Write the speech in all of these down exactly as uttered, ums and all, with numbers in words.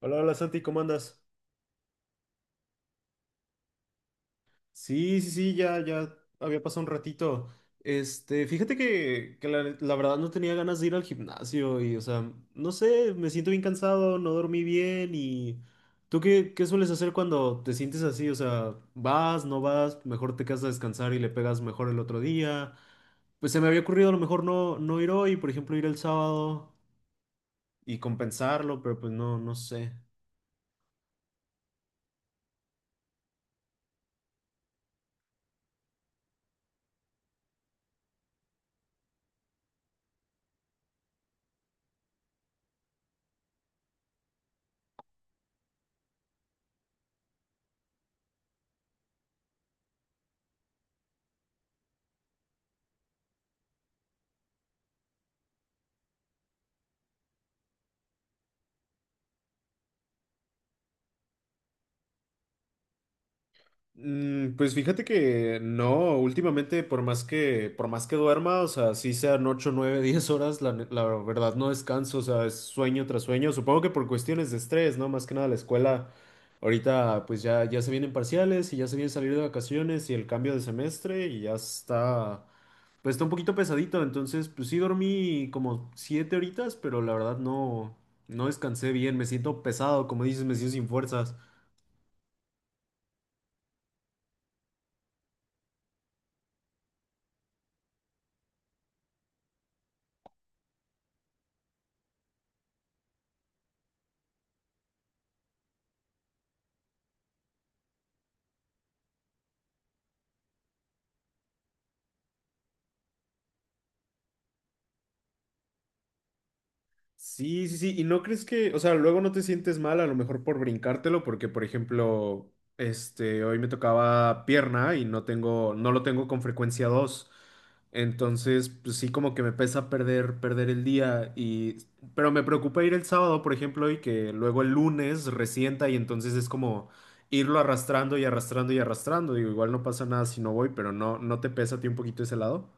Hola, hola Santi, ¿cómo andas? Sí, sí, sí, ya, ya había pasado un ratito. Este, fíjate que, que la, la verdad no tenía ganas de ir al gimnasio y, o sea, no sé, me siento bien cansado, no dormí bien y. ¿Tú qué, qué sueles hacer cuando te sientes así? O sea, vas, no vas, mejor te quedas a descansar y le pegas mejor el otro día. Pues se me había ocurrido a lo mejor no, no ir hoy, por ejemplo, ir el sábado y compensarlo, pero pues no, no sé. Mm, Pues fíjate que no, últimamente por más que, por más que duerma, o sea, sí sean ocho nueve diez horas, la, ne- la verdad no descanso, o sea, es sueño tras sueño, supongo que por cuestiones de estrés, ¿no? Más que nada la escuela, ahorita pues ya, ya se vienen parciales y ya se viene salir de vacaciones y el cambio de semestre y ya está, pues está un poquito pesadito, entonces pues sí dormí como siete horitas, pero la verdad no, no descansé bien, me siento pesado, como dices, me siento sin fuerzas. Sí, sí, sí. ¿Y no crees que, o sea, luego no te sientes mal a lo mejor por brincártelo? Porque, por ejemplo, este, hoy me tocaba pierna y no tengo, no lo tengo con frecuencia dos. Entonces, pues sí, como que me pesa perder, perder el día. Y, pero me preocupa ir el sábado, por ejemplo, y que luego el lunes resienta y entonces es como irlo arrastrando y arrastrando y arrastrando. Digo, igual no pasa nada si no voy, pero no, ¿no te pesa a ti un poquito ese lado?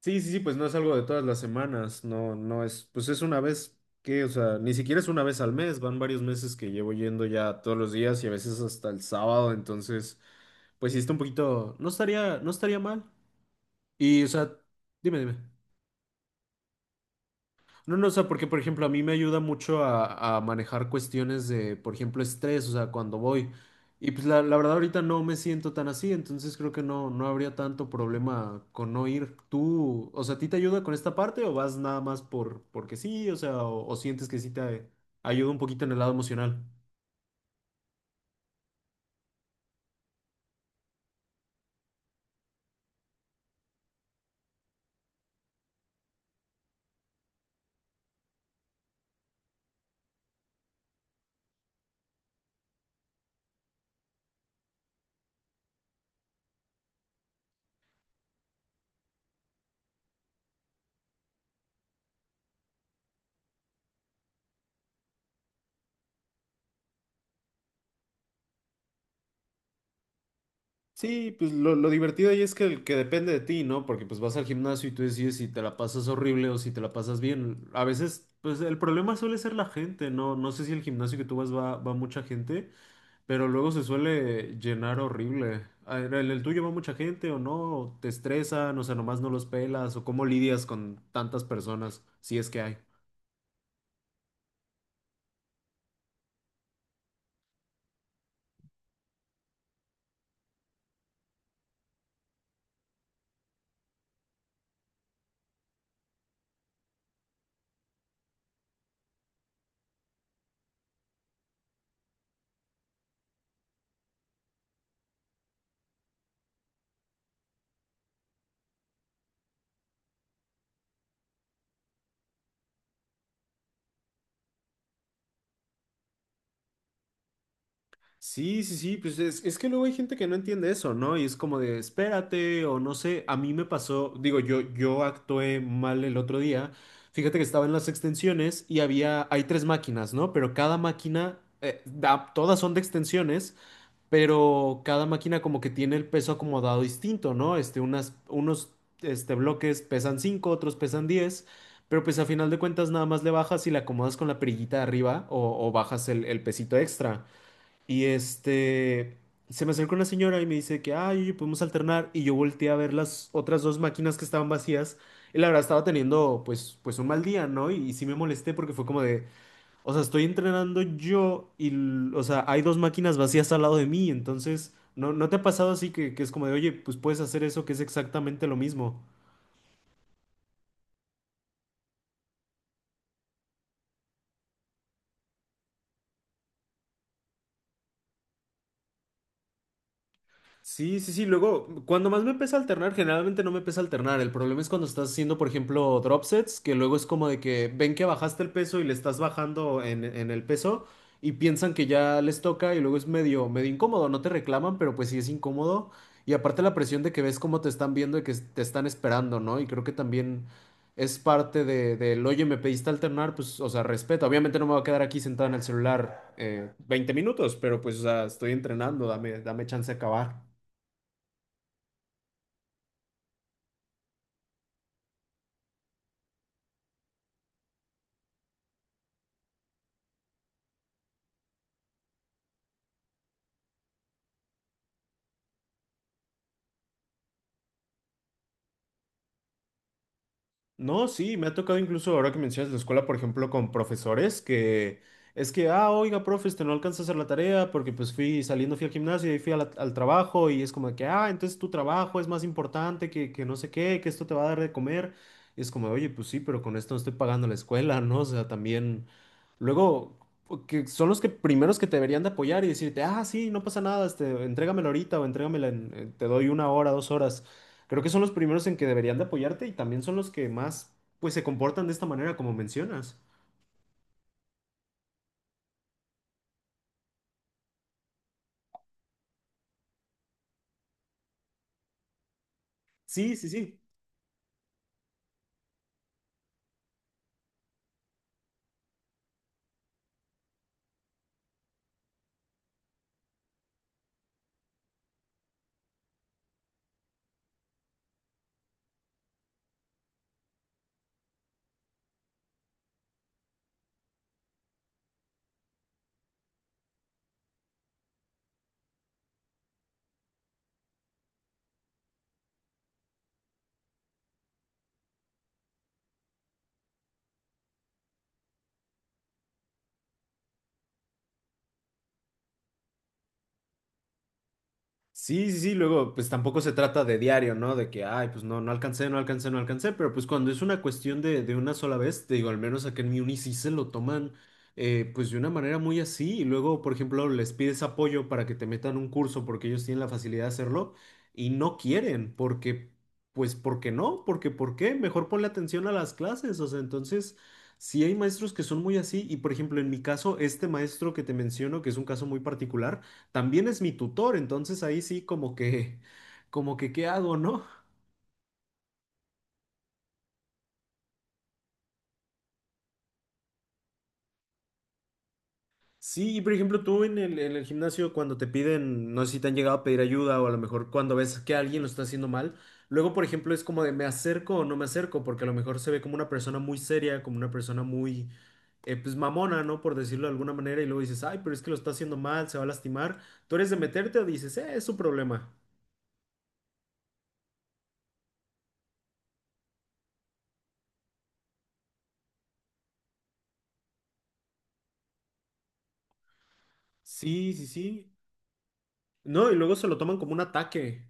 Sí, sí, sí, pues no es algo de todas las semanas, no, no es, pues es una vez que, o sea, ni siquiera es una vez al mes, van varios meses que llevo yendo ya todos los días y a veces hasta el sábado. Entonces, pues sí está un poquito, no estaría, no estaría mal. Y, o sea, dime, dime. No, no, o sea, porque por ejemplo a mí me ayuda mucho a, a manejar cuestiones de, por ejemplo, estrés, o sea, cuando voy. Y pues la, la verdad ahorita no me siento tan así, entonces creo que no, no habría tanto problema con no ir. ¿Tú, o sea, a ti te ayuda con esta parte o vas nada más por porque sí, o sea, o, o sientes que sí te ayuda un poquito en el lado emocional? Sí, pues lo, lo divertido ahí es que, el- que depende de ti, ¿no? Porque pues vas al gimnasio y tú decides si te la pasas horrible o si te la pasas bien. A veces, pues el problema suele ser la gente, ¿no? No sé si el gimnasio que tú vas va, va mucha gente, pero luego se suele llenar horrible. A ver, ¿El, el tuyo va mucha gente o no? ¿O ¿Te estresan? O sea, nomás no los pelas. ¿O cómo lidias con tantas personas, si es que hay? Sí, sí, sí, pues es, es que luego hay gente que no entiende eso, ¿no? Y es como de, espérate, o no sé, a mí me pasó, digo, yo, yo actué mal el otro día, fíjate que estaba en las extensiones y había, hay tres máquinas, ¿no? Pero cada máquina, eh, da- todas son de extensiones, pero cada máquina como que tiene el peso acomodado distinto, ¿no? Este, unas, unos, este, bloques pesan cinco, otros pesan diez. Pero pues a final de cuentas nada más le bajas y le acomodas con la perillita de arriba o, o bajas el el pesito extra. Y este, se me acerca una señora y me dice que, ay, oye, podemos alternar. Y yo volteé a ver las otras dos máquinas que estaban vacías. Y la verdad estaba teniendo, pues, pues un mal día, ¿no? Y, y sí me molesté porque fue como de, o sea, estoy entrenando yo y, l- o sea, hay dos máquinas vacías al lado de mí. Entonces, ¿no, no te ha pasado así que, que es como de, oye, pues puedes hacer eso que es exactamente lo mismo? Sí, sí, sí. Luego, cuando más me pesa alternar, generalmente no me pesa alternar. El problema es cuando estás haciendo, por ejemplo, drop sets, que luego es como de que ven que bajaste el peso y le estás bajando en, en el peso y piensan que ya les toca y luego es medio, medio incómodo. No te reclaman, pero pues sí es incómodo. Y aparte la presión de que ves cómo te están viendo y que te están esperando, ¿no? Y creo que también es parte de, del, oye, me pediste alternar, pues, o sea, respeto. Obviamente no me voy a quedar aquí sentado en el celular eh, 20 minutos, pero pues, o sea, estoy entrenando, dame, dame chance de acabar. No, sí, me ha tocado incluso ahora que mencionas la escuela, por ejemplo, con profesores que es que, ah, oiga, profe, este no alcanza a hacer la tarea porque pues fui saliendo, fui al gimnasio y fui a la- al trabajo y es como de que, ah, entonces tu trabajo es más importante que, que no sé qué, que esto te va a dar de comer. Y es como, oye, pues sí, pero con esto no estoy pagando la escuela, ¿no? O sea, también. Luego, que son los que primeros que te deberían de apoyar y decirte, ah, sí, no pasa nada, este, entrégamela ahorita o entrégamela en- en- te doy una hora, dos horas. Creo que son los primeros en que deberían de apoyarte y también son los que más, pues, se comportan de esta manera, como mencionas. Sí, sí, sí. Sí, sí, sí, luego pues tampoco se trata de diario, ¿no? De que, ay, pues no, no alcancé, no alcancé, no alcancé, pero pues cuando es una cuestión de, de una sola vez, te digo, al menos acá en mi uni sí se lo toman eh, pues de una manera muy así y luego, por ejemplo, les pides apoyo para que te metan un curso porque ellos tienen la facilidad de hacerlo y no quieren, porque, pues, ¿por qué no? Porque, ¿por qué? Mejor ponle atención a las clases, o sea, entonces. Sí hay maestros que son muy así y por ejemplo en mi caso este maestro que te menciono que es un caso muy particular también es mi tutor, entonces ahí sí como que, como que, ¿qué hago, no? Sí, y por ejemplo, tú en el, en el gimnasio cuando te piden, no sé si te han llegado a pedir ayuda o a lo mejor cuando ves que alguien lo está haciendo mal, luego, por ejemplo, es como de me acerco o no me acerco, porque a lo mejor se ve como una persona muy seria, como una persona muy, eh, pues mamona, ¿no? Por decirlo de alguna manera, y luego dices, ay, pero es que lo está haciendo mal, se va a lastimar. ¿Tú eres de meterte o dices, eh, es su problema? Sí, sí, sí. No, y luego se lo toman como un ataque.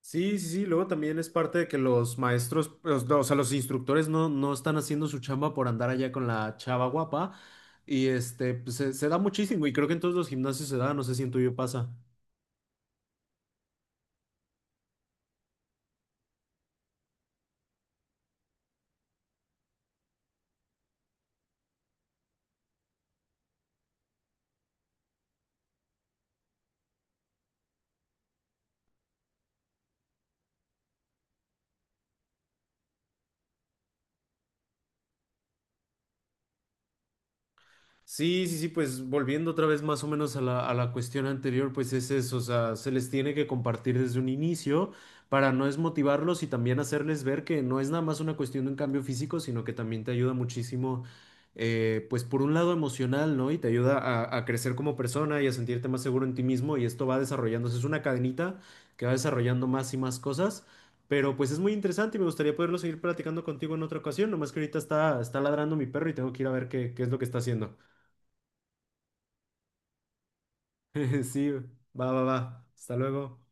Sí, sí, sí, luego también es parte de que los maestros, los- no, o sea, los instructores no, no están haciendo su chamba por andar allá con la chava guapa y este, pues, se, se da muchísimo y creo que en todos los gimnasios se da, no sé si en tuyo pasa. Sí, sí, sí, pues volviendo otra vez más o menos a la, a la cuestión anterior, pues es eso, o sea, se les tiene que compartir desde un inicio para no desmotivarlos y también hacerles ver que no es nada más una cuestión de un cambio físico, sino que también te ayuda muchísimo, eh, pues por un lado emocional, ¿no? Y te ayuda a, a crecer como persona y a sentirte más seguro en ti mismo y esto va desarrollándose, es una cadenita que va desarrollando más y más cosas. Pero pues es muy interesante y me gustaría poderlo seguir platicando contigo en otra ocasión, nomás que ahorita está, está ladrando mi perro y tengo que ir a ver qué, qué, es lo que está haciendo. Sí, va, va, va. Hasta luego.